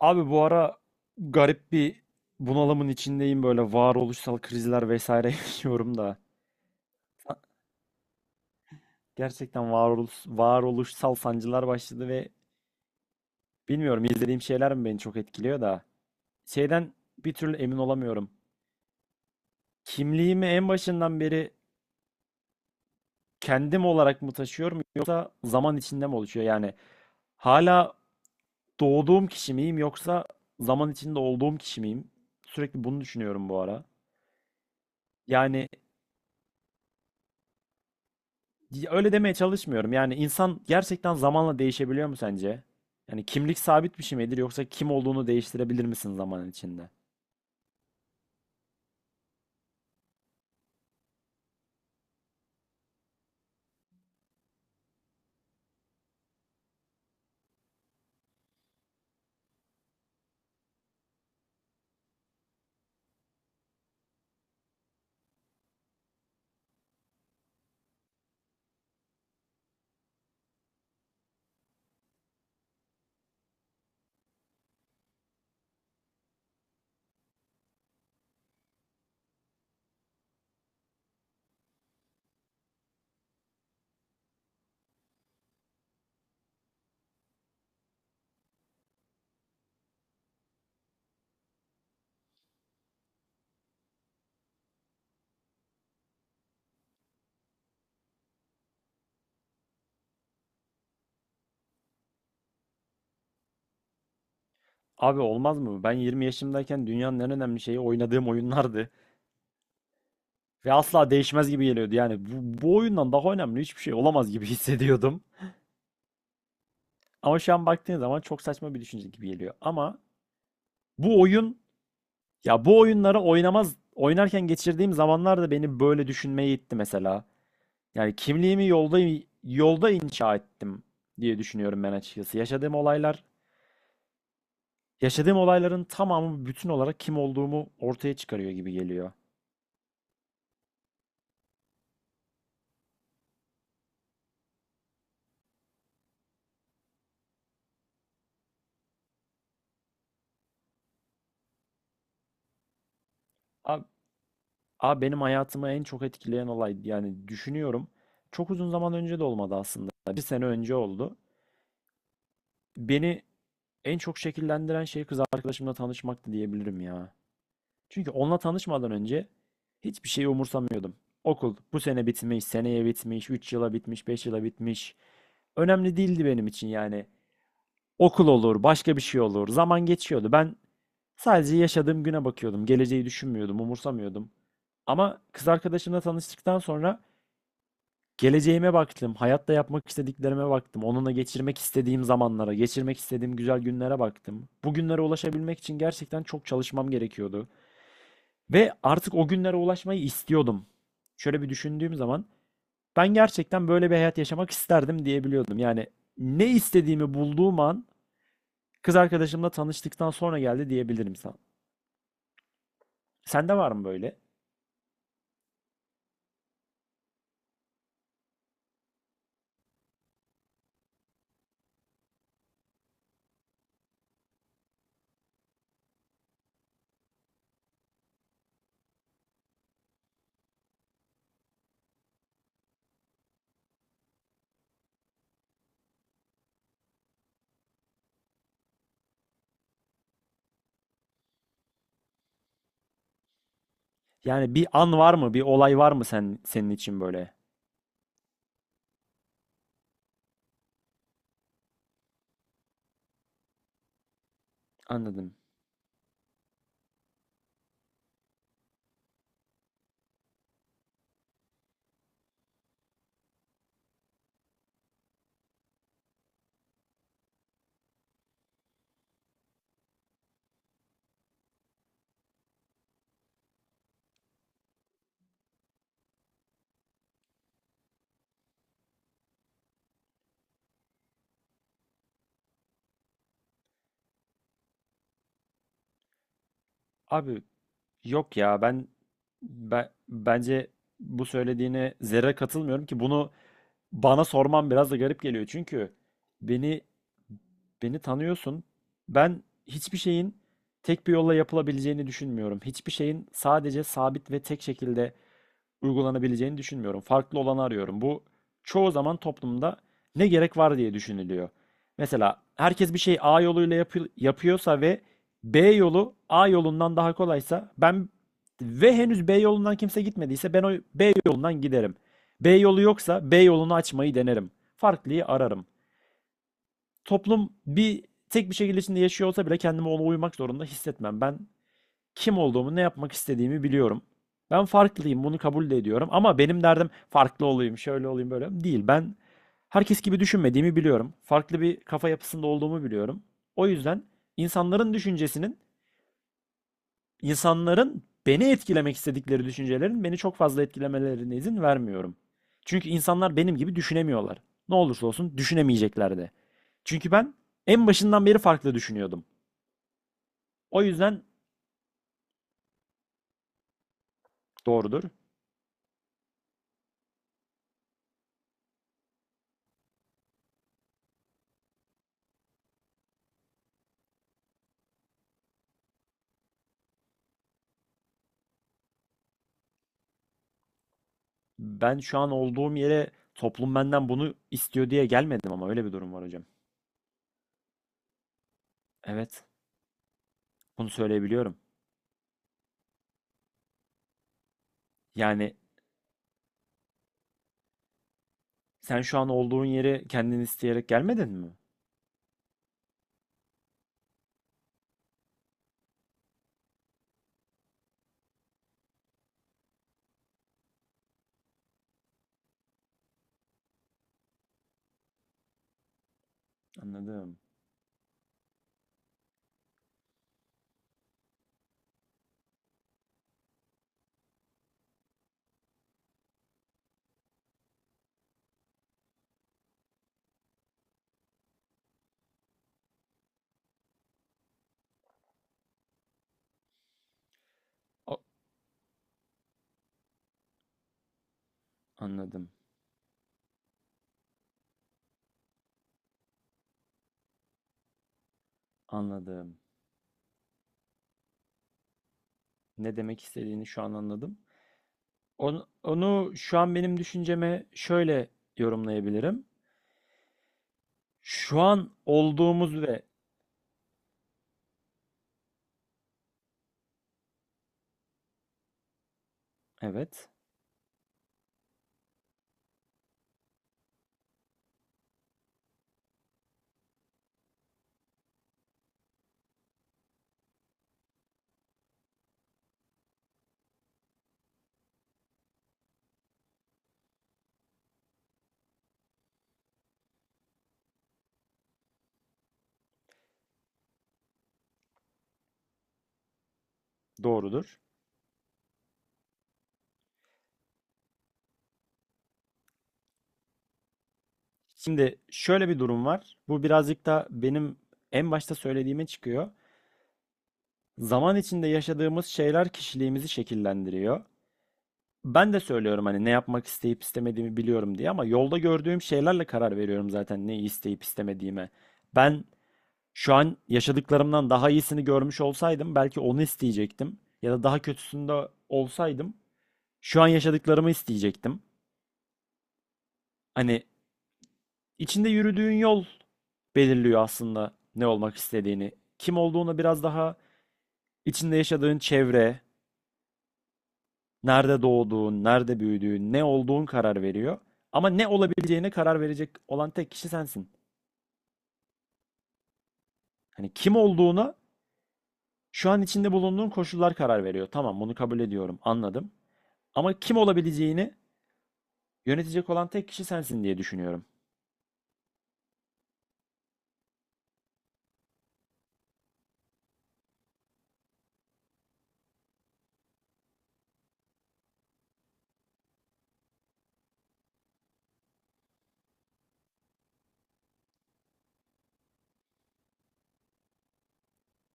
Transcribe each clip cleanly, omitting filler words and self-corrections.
Abi bu ara garip bir bunalımın içindeyim böyle varoluşsal krizler vesaire yaşıyorum da. Gerçekten varoluşsal sancılar başladı ve bilmiyorum izlediğim şeyler mi beni çok etkiliyor da. Şeyden bir türlü emin olamıyorum. Kimliğimi en başından beri kendim olarak mı taşıyorum yoksa zaman içinde mi oluşuyor? Yani hala doğduğum kişi miyim yoksa zaman içinde olduğum kişi miyim? Sürekli bunu düşünüyorum bu ara. Yani ya, öyle demeye çalışmıyorum. Yani insan gerçekten zamanla değişebiliyor mu sence? Yani kimlik sabit bir şey midir yoksa kim olduğunu değiştirebilir misin zaman içinde? Abi olmaz mı? Ben 20 yaşımdayken dünyanın en önemli şeyi oynadığım oyunlardı. Ve asla değişmez gibi geliyordu. Yani bu oyundan daha önemli hiçbir şey olamaz gibi hissediyordum. Ama şu an baktığın zaman çok saçma bir düşünce gibi geliyor. Ama bu oyun, ya bu oyunları oynarken geçirdiğim zamanlar da beni böyle düşünmeye itti mesela. Yani kimliğimi yolda inşa ettim diye düşünüyorum ben açıkçası. Yaşadığım olaylar, yaşadığım olayların tamamı bütün olarak kim olduğumu ortaya çıkarıyor gibi geliyor. Abi, abi, benim hayatımı en çok etkileyen olay yani düşünüyorum. Çok uzun zaman önce de olmadı aslında. Bir sene önce oldu. Beni en çok şekillendiren şey kız arkadaşımla tanışmaktı diyebilirim ya. Çünkü onunla tanışmadan önce hiçbir şeyi umursamıyordum. Okul bu sene bitmiş, seneye bitmiş, 3 yıla bitmiş, 5 yıla bitmiş. Önemli değildi benim için yani. Okul olur, başka bir şey olur. Zaman geçiyordu. Ben sadece yaşadığım güne bakıyordum. Geleceği düşünmüyordum, umursamıyordum. Ama kız arkadaşımla tanıştıktan sonra geleceğime baktım, hayatta yapmak istediklerime baktım, onunla geçirmek istediğim zamanlara, geçirmek istediğim güzel günlere baktım. Bu günlere ulaşabilmek için gerçekten çok çalışmam gerekiyordu. Ve artık o günlere ulaşmayı istiyordum. Şöyle bir düşündüğüm zaman ben gerçekten böyle bir hayat yaşamak isterdim diyebiliyordum. Yani ne istediğimi bulduğum an kız arkadaşımla tanıştıktan sonra geldi diyebilirim sana. Sende var mı böyle? Yani bir an var mı? Bir olay var mı sen senin için böyle? Anladım. Abi yok ya ben bence bu söylediğine zerre katılmıyorum ki bunu bana sorman biraz da garip geliyor çünkü beni beni tanıyorsun. Ben hiçbir şeyin tek bir yolla yapılabileceğini düşünmüyorum. Hiçbir şeyin sadece sabit ve tek şekilde uygulanabileceğini düşünmüyorum. Farklı olanı arıyorum. Bu çoğu zaman toplumda ne gerek var diye düşünülüyor. Mesela herkes bir şey A yoluyla yapıyorsa ve B yolu A yolundan daha kolaysa ve henüz B yolundan kimse gitmediyse ben o B yolundan giderim. B yolu yoksa B yolunu açmayı denerim. Farklıyı ararım. Toplum tek bir şekilde içinde yaşıyor olsa bile kendimi ona uymak zorunda hissetmem. Ben kim olduğumu, ne yapmak istediğimi biliyorum. Ben farklıyım, bunu kabul de ediyorum. Ama benim derdim farklı olayım, şöyle olayım, böyle değil. Ben herkes gibi düşünmediğimi biliyorum. Farklı bir kafa yapısında olduğumu biliyorum. O yüzden insanların düşüncesinin, insanların beni etkilemek istedikleri düşüncelerin beni çok fazla etkilemelerine izin vermiyorum. Çünkü insanlar benim gibi düşünemiyorlar. Ne olursa olsun düşünemeyecekler de. Çünkü ben en başından beri farklı düşünüyordum. O yüzden doğrudur. Ben şu an olduğum yere toplum benden bunu istiyor diye gelmedim ama öyle bir durum var hocam. Evet, bunu söyleyebiliyorum. Yani sen şu an olduğun yeri kendin isteyerek gelmedin mi? Anladım. O- anladım. Anladım. Ne demek istediğini şu an anladım. Onu şu an benim düşünceme şöyle yorumlayabilirim. Şu an olduğumuz ve evet, doğrudur. Şimdi şöyle bir durum var. Bu birazcık da benim en başta söylediğime çıkıyor. Zaman içinde yaşadığımız şeyler kişiliğimizi şekillendiriyor. Ben de söylüyorum hani ne yapmak isteyip istemediğimi biliyorum diye ama yolda gördüğüm şeylerle karar veriyorum zaten neyi isteyip istemediğime. Ben şu an yaşadıklarımdan daha iyisini görmüş olsaydım belki onu isteyecektim ya da daha kötüsünde olsaydım şu an yaşadıklarımı isteyecektim. Hani içinde yürüdüğün yol belirliyor aslında ne olmak istediğini. Kim olduğunu biraz daha içinde yaşadığın çevre, nerede doğduğun, nerede büyüdüğün, ne olduğun karar veriyor. Ama ne olabileceğine karar verecek olan tek kişi sensin. Hani kim olduğuna şu an içinde bulunduğun koşullar karar veriyor. Tamam, bunu kabul ediyorum, anladım. Ama kim olabileceğini yönetecek olan tek kişi sensin diye düşünüyorum.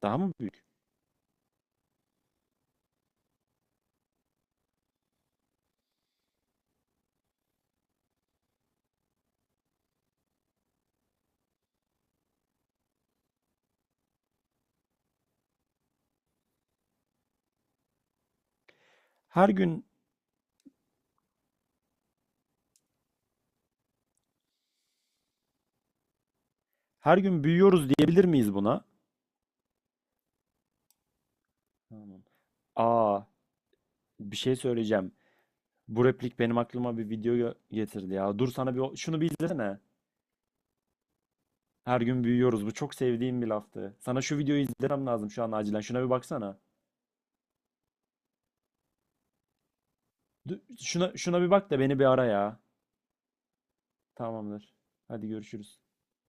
Daha mı büyük? Her gün her gün büyüyoruz diyebilir miyiz buna? Tamam. Aa, bir şey söyleyeceğim. Bu replik benim aklıma bir video getirdi ya. Dur sana bir şunu bir izlesene. Her gün büyüyoruz. Bu çok sevdiğim bir laftı. Sana şu videoyu izlemem lazım şu an acilen. Şuna bir baksana. Şuna, şuna bir bak da beni bir ara ya. Tamamdır. Hadi görüşürüz.